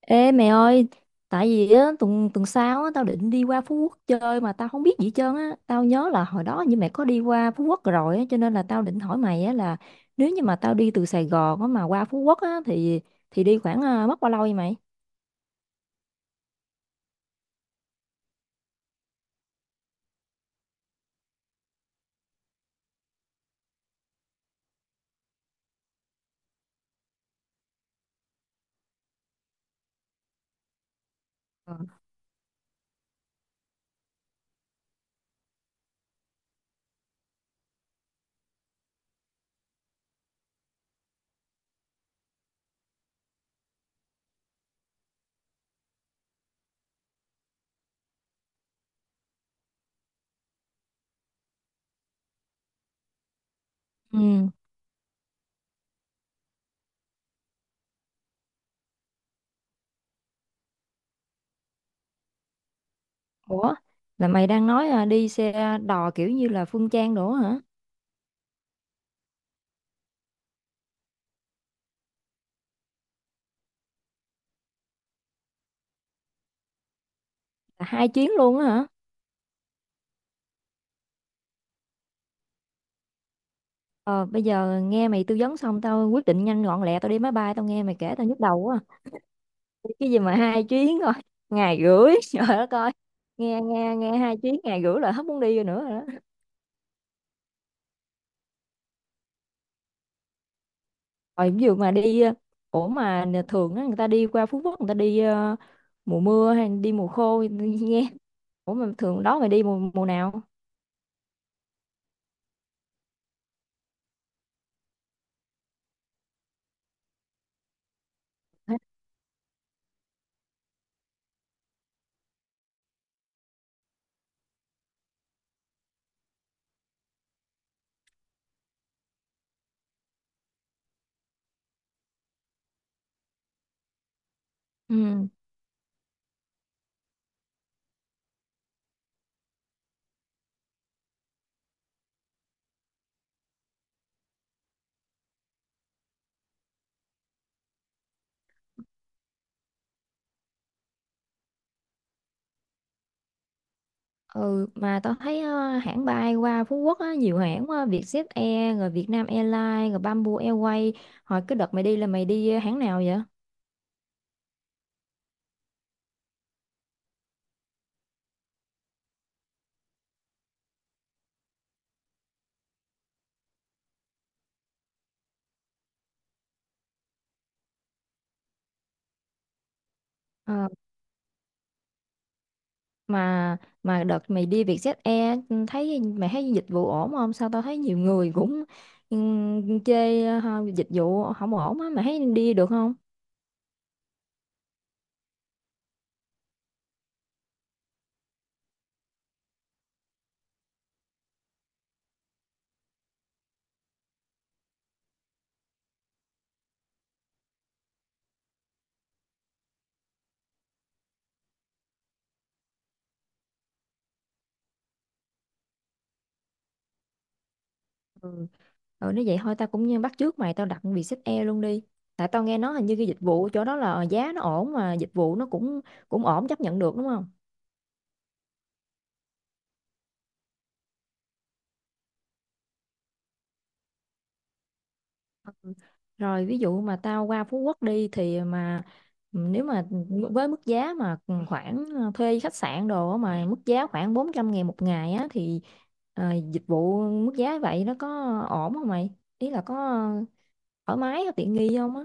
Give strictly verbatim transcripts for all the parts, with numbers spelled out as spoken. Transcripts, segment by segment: Ê mẹ ơi, tại vì á, tuần tuần sau á, tao định đi qua Phú Quốc chơi mà tao không biết gì hết trơn á. Tao nhớ là hồi đó như mẹ có đi qua Phú Quốc rồi á, cho nên là tao định hỏi mày á là nếu như mà tao đi từ Sài Gòn á, mà qua Phú Quốc á, thì thì đi khoảng à, mất bao lâu vậy mày? Ừ. Ủa, là mày đang nói à, đi xe đò kiểu như là Phương Trang đổ hả? Là hai chuyến luôn á hả? Ờ, bây giờ nghe mày tư vấn xong tao quyết định nhanh gọn lẹ tao đi máy bay, tao nghe mày kể tao nhức đầu quá, cái gì mà hai chuyến thôi ngày rưỡi trời đất ơi. Nghe nghe nghe hai chuyến ngày rưỡi là hết muốn đi rồi nữa rồi đó. Rồi ví dụ mà đi ờ, ủa mà nè, thường á, người ta đi qua Phú Quốc người ta đi ờ, mùa mưa hay đi mùa khô nghe, ủa mà thường đó mày đi mùa mùa nào? Ừ. Ừ, mà tao thấy ờ, hãng bay qua Phú Quốc á nhiều hãng quá, Vietjet Air rồi Vietnam Airlines rồi Bamboo Airways, hồi cái đợt mày đi là mày đi ờ, hãng nào vậy? Mà mà đợt mày đi Vietjet Air ừ, thấy mày thấy dịch vụ ổn không, sao tao thấy nhiều người cũng ừm, chê ha, dịch vụ không ổn á mày thấy đi được không? Ừ. Ừ, nếu vậy thôi tao cũng như bắt chước mày tao đặt Vietjet Air luôn đi, tại tao nghe nói hình như cái dịch vụ chỗ đó là giá nó ổn mà dịch vụ nó cũng cũng ổn chấp nhận được đúng không? Rồi ví dụ mà tao qua Phú Quốc đi thì mà ừ, nếu mà với mức giá mà khoảng ờ, thuê khách sạn đồ á mà mức giá khoảng bốn trăm ngàn một ngày á thì ờ, dịch vụ mức giá vậy nó có ổn không mày? Ý là có thoải mái tiện nghi không á?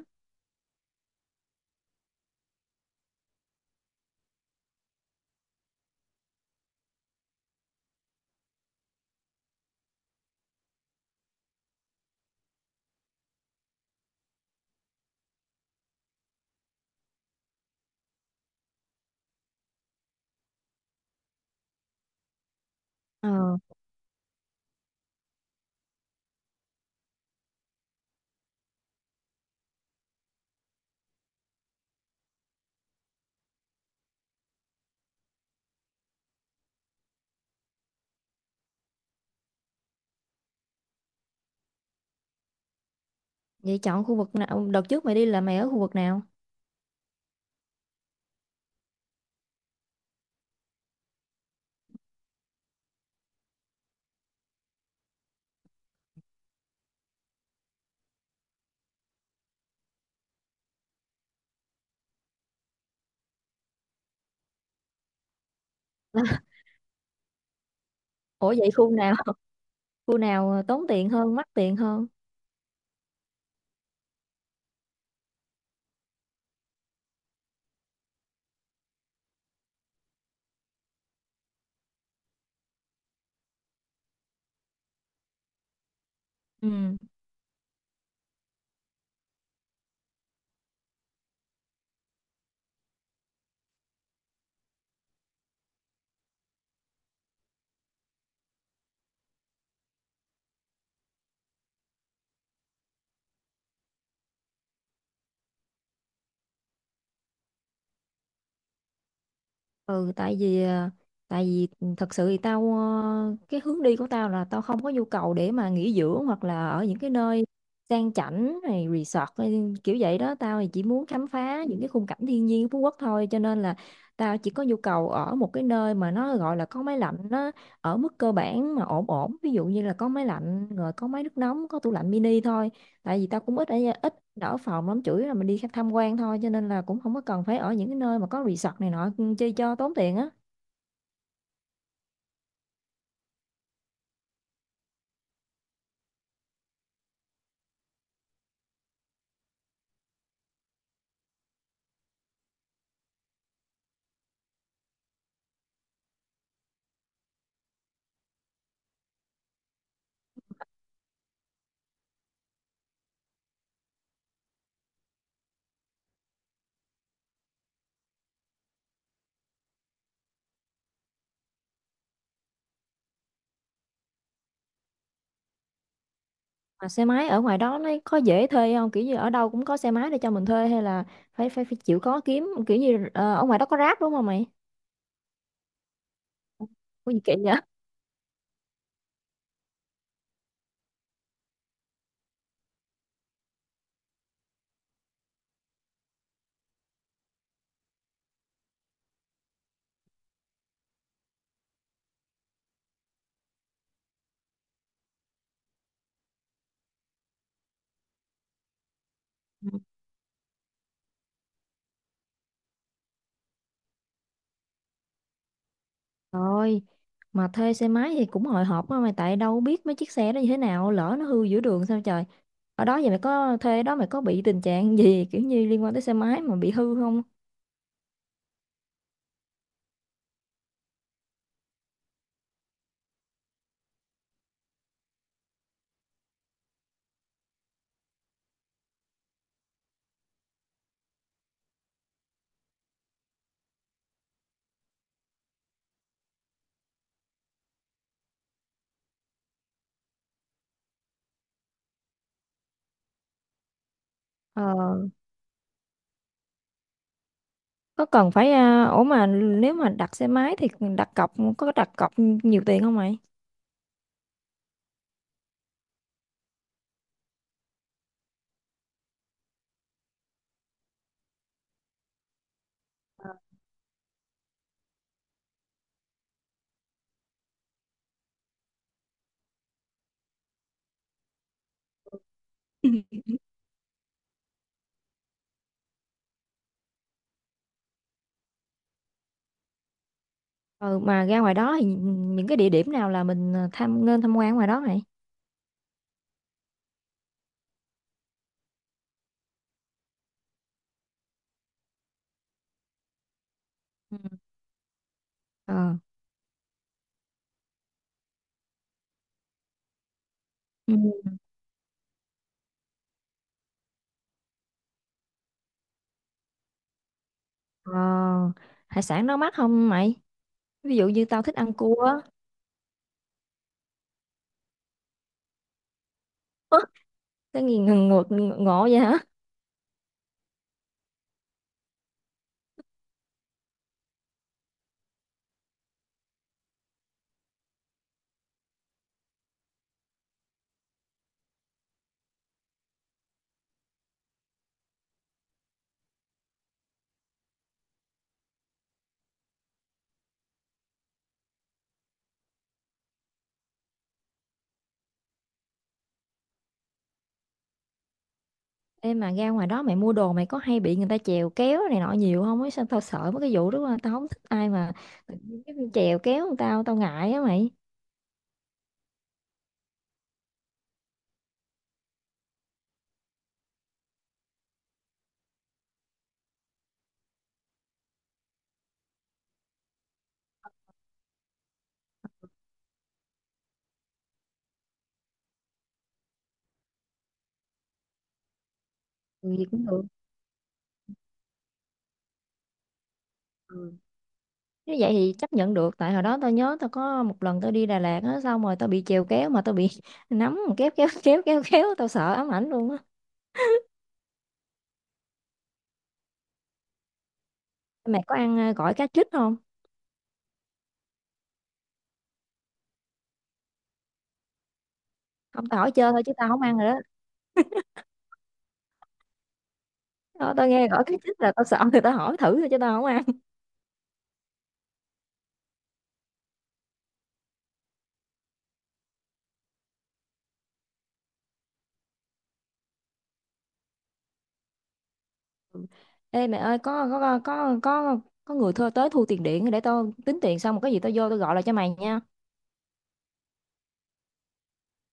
Ờ, vậy chọn khu vực nào? Đợt trước mày đi là mày ở khu vực nào? Ủa vậy khu nào? Khu nào tốn tiền hơn, mắc tiền hơn? Ừ. Ừ tại vì à, tại vì thật sự thì tao ờ, cái hướng đi của tao là tao không có nhu cầu để mà nghỉ dưỡng hoặc là ở những cái nơi sang chảnh này resort hay kiểu vậy đó, tao thì chỉ muốn khám phá những cái khung cảnh thiên nhiên của Phú Quốc thôi, cho nên là tao chỉ có nhu cầu ở một cái nơi mà nó gọi là có máy lạnh, nó ở mức cơ bản mà ổn ổn, ví dụ như là có máy lạnh rồi có máy nước nóng có tủ lạnh mini thôi, tại vì tao cũng ít ở ít đỡ phòng lắm, chủ yếu là mình đi tham quan thôi cho nên là cũng không có cần phải ở những cái nơi mà có resort này nọ ừ, chi cho tốn tiền á. Mà xe máy ở ngoài đó nó có dễ thuê không, kiểu như ở đâu cũng có xe máy để cho mình thuê hay là phải phải, phải chịu khó kiếm, kiểu như ờ, ở ngoài đó có Grab đúng không mày? Có gì kỳ vậy? Ừ. Rồi mà thuê xe máy thì cũng hồi hộp quá mày, tại đâu biết mấy chiếc xe đó như thế nào, lỡ nó hư giữa đường sao trời. Ở đó vậy mày có thuê đó mày có bị tình trạng gì kiểu như liên quan tới xe máy mà bị hư không? Ờ, có cần phải à, ủa mà nếu mà đặt xe máy thì đặt cọc, có đặt cọc nhiều tiền không mày? Ừ, mà ra ngoài đó thì những cái địa điểm nào là mình à, tham nên tham quan ngoài đó mày? Ừ. Ờ. Ừ. Ờ, hải sản nó mắc không mày? Ví dụ như tao thích ăn cua á. Ơ, cái gì ngộ, ngộ vậy hả? Ê mà ra ngoài đó mày mua đồ mày có hay bị người ta chèo kéo này nọ nhiều không ấy? Sao tao sợ mấy cái vụ đó quá. Tao không thích ai mà tự nhiên cái chèo kéo tao, tao ngại á mày. Ừ, gì cũng được. Nếu vậy thì chấp nhận được, tại hồi đó tôi nhớ tôi có một lần tôi đi Đà Lạt á xong rồi tôi bị trèo kéo mà tôi bị nắm kéo kéo kéo kéo kéo tôi sợ ám ảnh luôn á. Mày có ăn ờ, gỏi cá trích không? Không tao hỏi chơi thôi chứ tao không ăn rồi đó. Ờ, tao nghe gỏi cá trích là tao sợ thì tao hỏi thử thôi chứ tao không ăn. Ê mẹ ơi có có có có có, có người thơ tới thu tiền điện để tao tính tiền xong rồi có gì tao vô tao gọi lại cho mày nha.